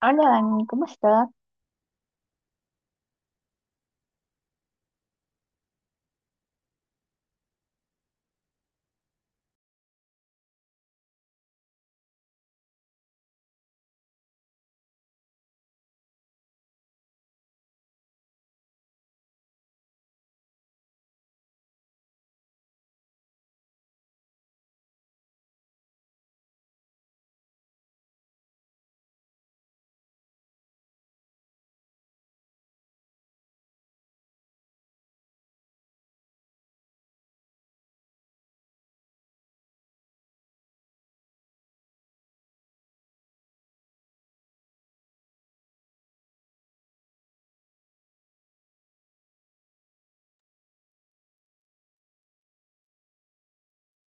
Hola Dani, ¿cómo estás?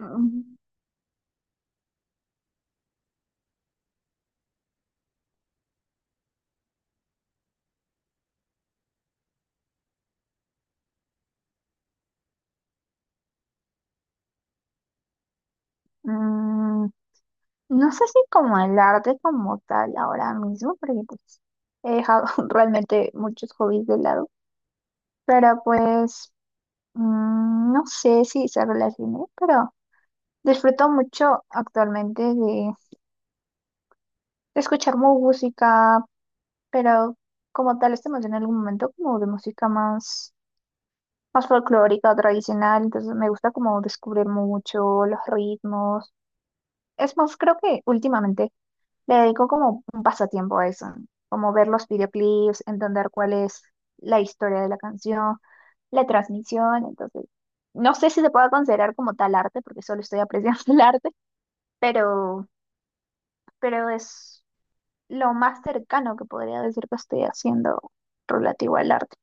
Mm, mm, no sé si como el arte como tal ahora mismo, porque pues he dejado realmente muchos hobbies de lado, pero pues no sé si se relacione, pero disfruto mucho actualmente de escuchar música, pero como tal este emocioné en algún momento como de música más, más folclórica, tradicional, entonces me gusta como descubrir mucho los ritmos. Es más, creo que últimamente le dedico como un pasatiempo a eso, ¿no? Como ver los videoclips, entender cuál es la historia de la canción, la transmisión, entonces no sé si se pueda considerar como tal arte, porque solo estoy apreciando el arte, pero, pero es lo más cercano que podría decir que estoy haciendo relativo al arte.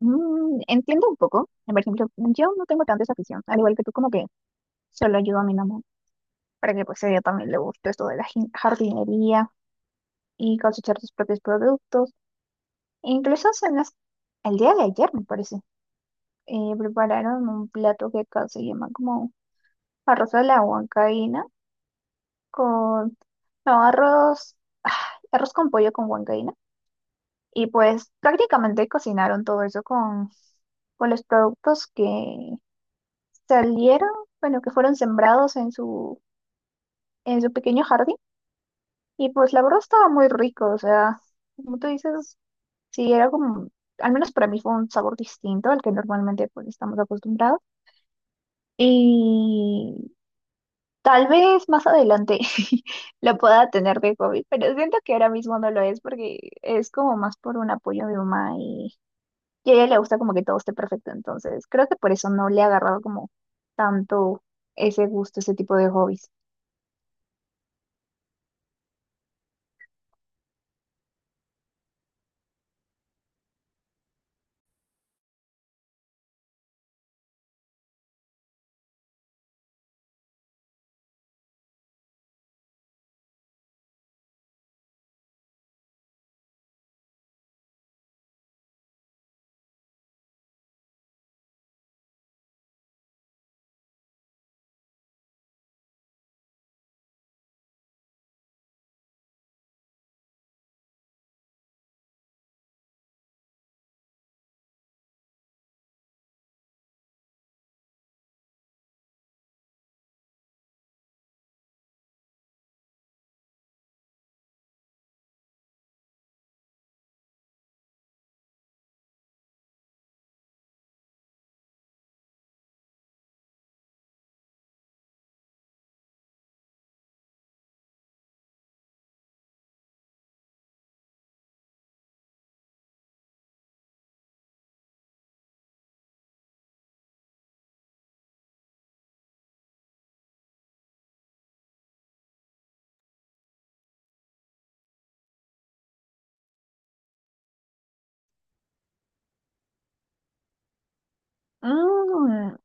Mm, entiendo un poco, por ejemplo, yo no tengo tanta esa afición, al igual que tú, como que solo ayudo a mi mamá para que pues a ella también le guste esto de la jardinería y cosechar sus propios productos. Incluso hace el día de ayer, me parece, prepararon un plato que acá se llama como arroz a la huancaína con, no, arroz, ah, arroz con pollo con huancaína. Y pues prácticamente cocinaron todo eso con los productos que salieron, bueno, que fueron sembrados en su pequeño jardín. Y pues la verdad estaba muy rico, o sea, como tú dices, sí, era como, al menos para mí fue un sabor distinto al que normalmente pues estamos acostumbrados. Y tal vez más adelante lo pueda tener de hobby, pero siento que ahora mismo no lo es porque es como más por un apoyo de mamá y a ella le gusta como que todo esté perfecto. Entonces, creo que por eso no le ha agarrado como tanto ese gusto, ese tipo de hobbies. Mm.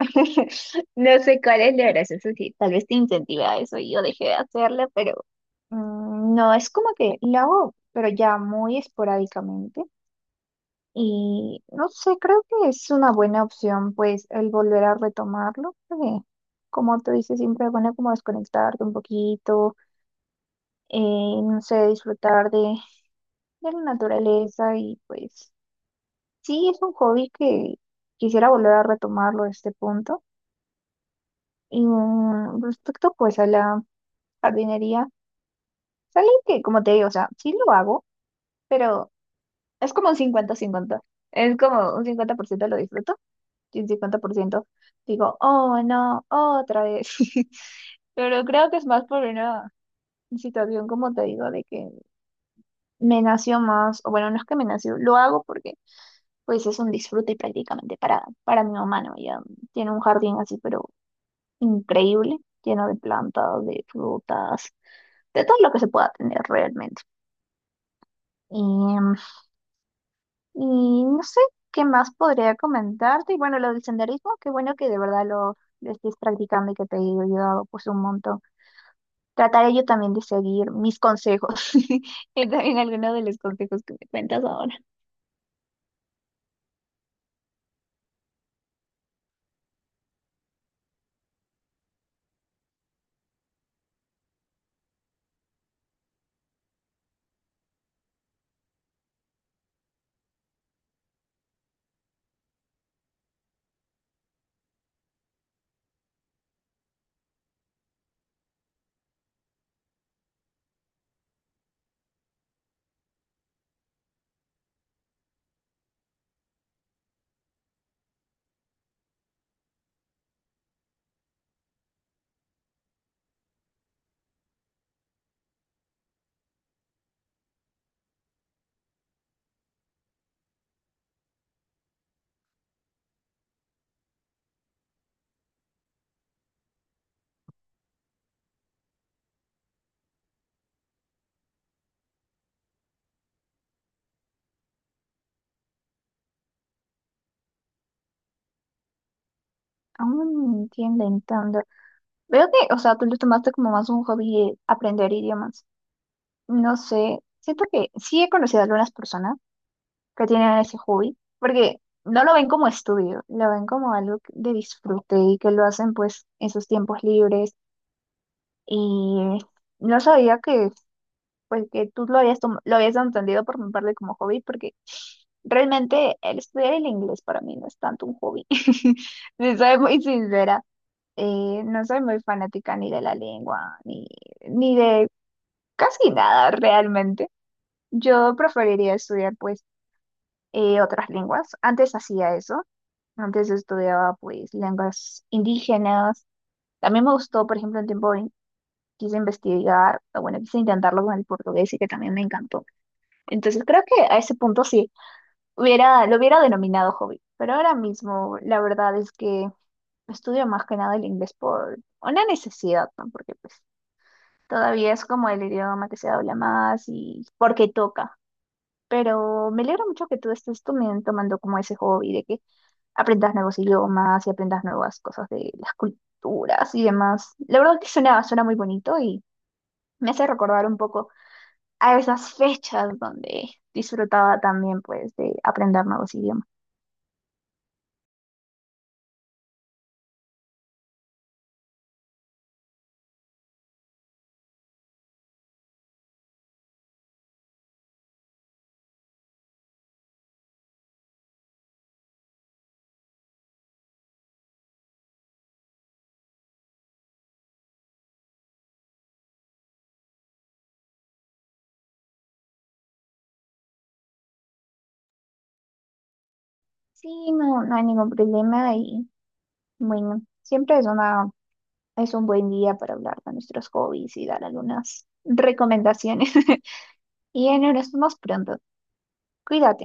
No sé cuál es la gracia, eso sí, tal vez te incentiva a eso y yo dejé de hacerlo, pero no es como que lo hago, pero ya muy esporádicamente. Y no sé, creo que es una buena opción, pues, el volver a retomarlo, porque, como tú dices, siempre es bueno como desconectarte un poquito, eh, no sé, disfrutar de la naturaleza y pues, sí, es un hobby que quisiera volver a retomarlo a este punto. Y respecto, pues, a la jardinería, sale que, como te digo, o sea, sí lo hago, pero es como un 50-50, es como un 50% lo disfruto y el 50% digo, oh no, otra vez. Pero creo que es más por una situación, como te digo, de que me nació más, o bueno, no es que me nació, lo hago porque pues es un disfrute prácticamente para mi mamá, ¿no? Ella tiene un jardín así, pero increíble, lleno de plantas, de frutas, de todo lo que se pueda tener realmente. Y Y no sé qué más podría comentarte. Y bueno, lo del senderismo, qué bueno que de verdad lo estés practicando y que te haya ayudado pues un montón. Trataré yo también de seguir mis consejos y también algunos de los consejos que me cuentas ahora. Aún no entiendo tanto. Veo que, o sea, tú lo tomaste como más un hobby, aprender idiomas. No sé, siento que sí he conocido a algunas personas que tienen ese hobby, porque no lo ven como estudio, lo ven como algo de disfrute y que lo hacen pues en sus tiempos libres. Y no sabía que, pues, que tú lo habías, lo habías entendido por mi parte como hobby, porque realmente el estudiar el inglés para mí no es tanto un hobby. Si soy muy sincera, no soy muy fanática ni de la lengua, ni de casi nada realmente. Yo preferiría estudiar, pues, otras lenguas. Antes hacía eso. Antes estudiaba, pues, lenguas indígenas. También me gustó, por ejemplo, en tiempo quise investigar, o bueno, quise intentarlo con el portugués y que también me encantó. Entonces creo que a ese punto sí, hubiera, lo hubiera denominado hobby, pero ahora mismo la verdad es que estudio más que nada el inglés por una necesidad, ¿no? Porque pues todavía es como el idioma que se habla más y porque toca. Pero me alegra mucho que tú estés tomando como ese hobby de que aprendas nuevos idiomas y aprendas nuevas cosas de las culturas y demás. La verdad que suena, suena muy bonito y me hace recordar un poco a esas fechas donde disfrutaba también pues de aprender nuevos idiomas. Sí, no hay ningún problema y bueno, siempre es una, es un buen día para hablar de nuestros hobbies y dar algunas recomendaciones. Y en nos vemos pronto. Cuídate.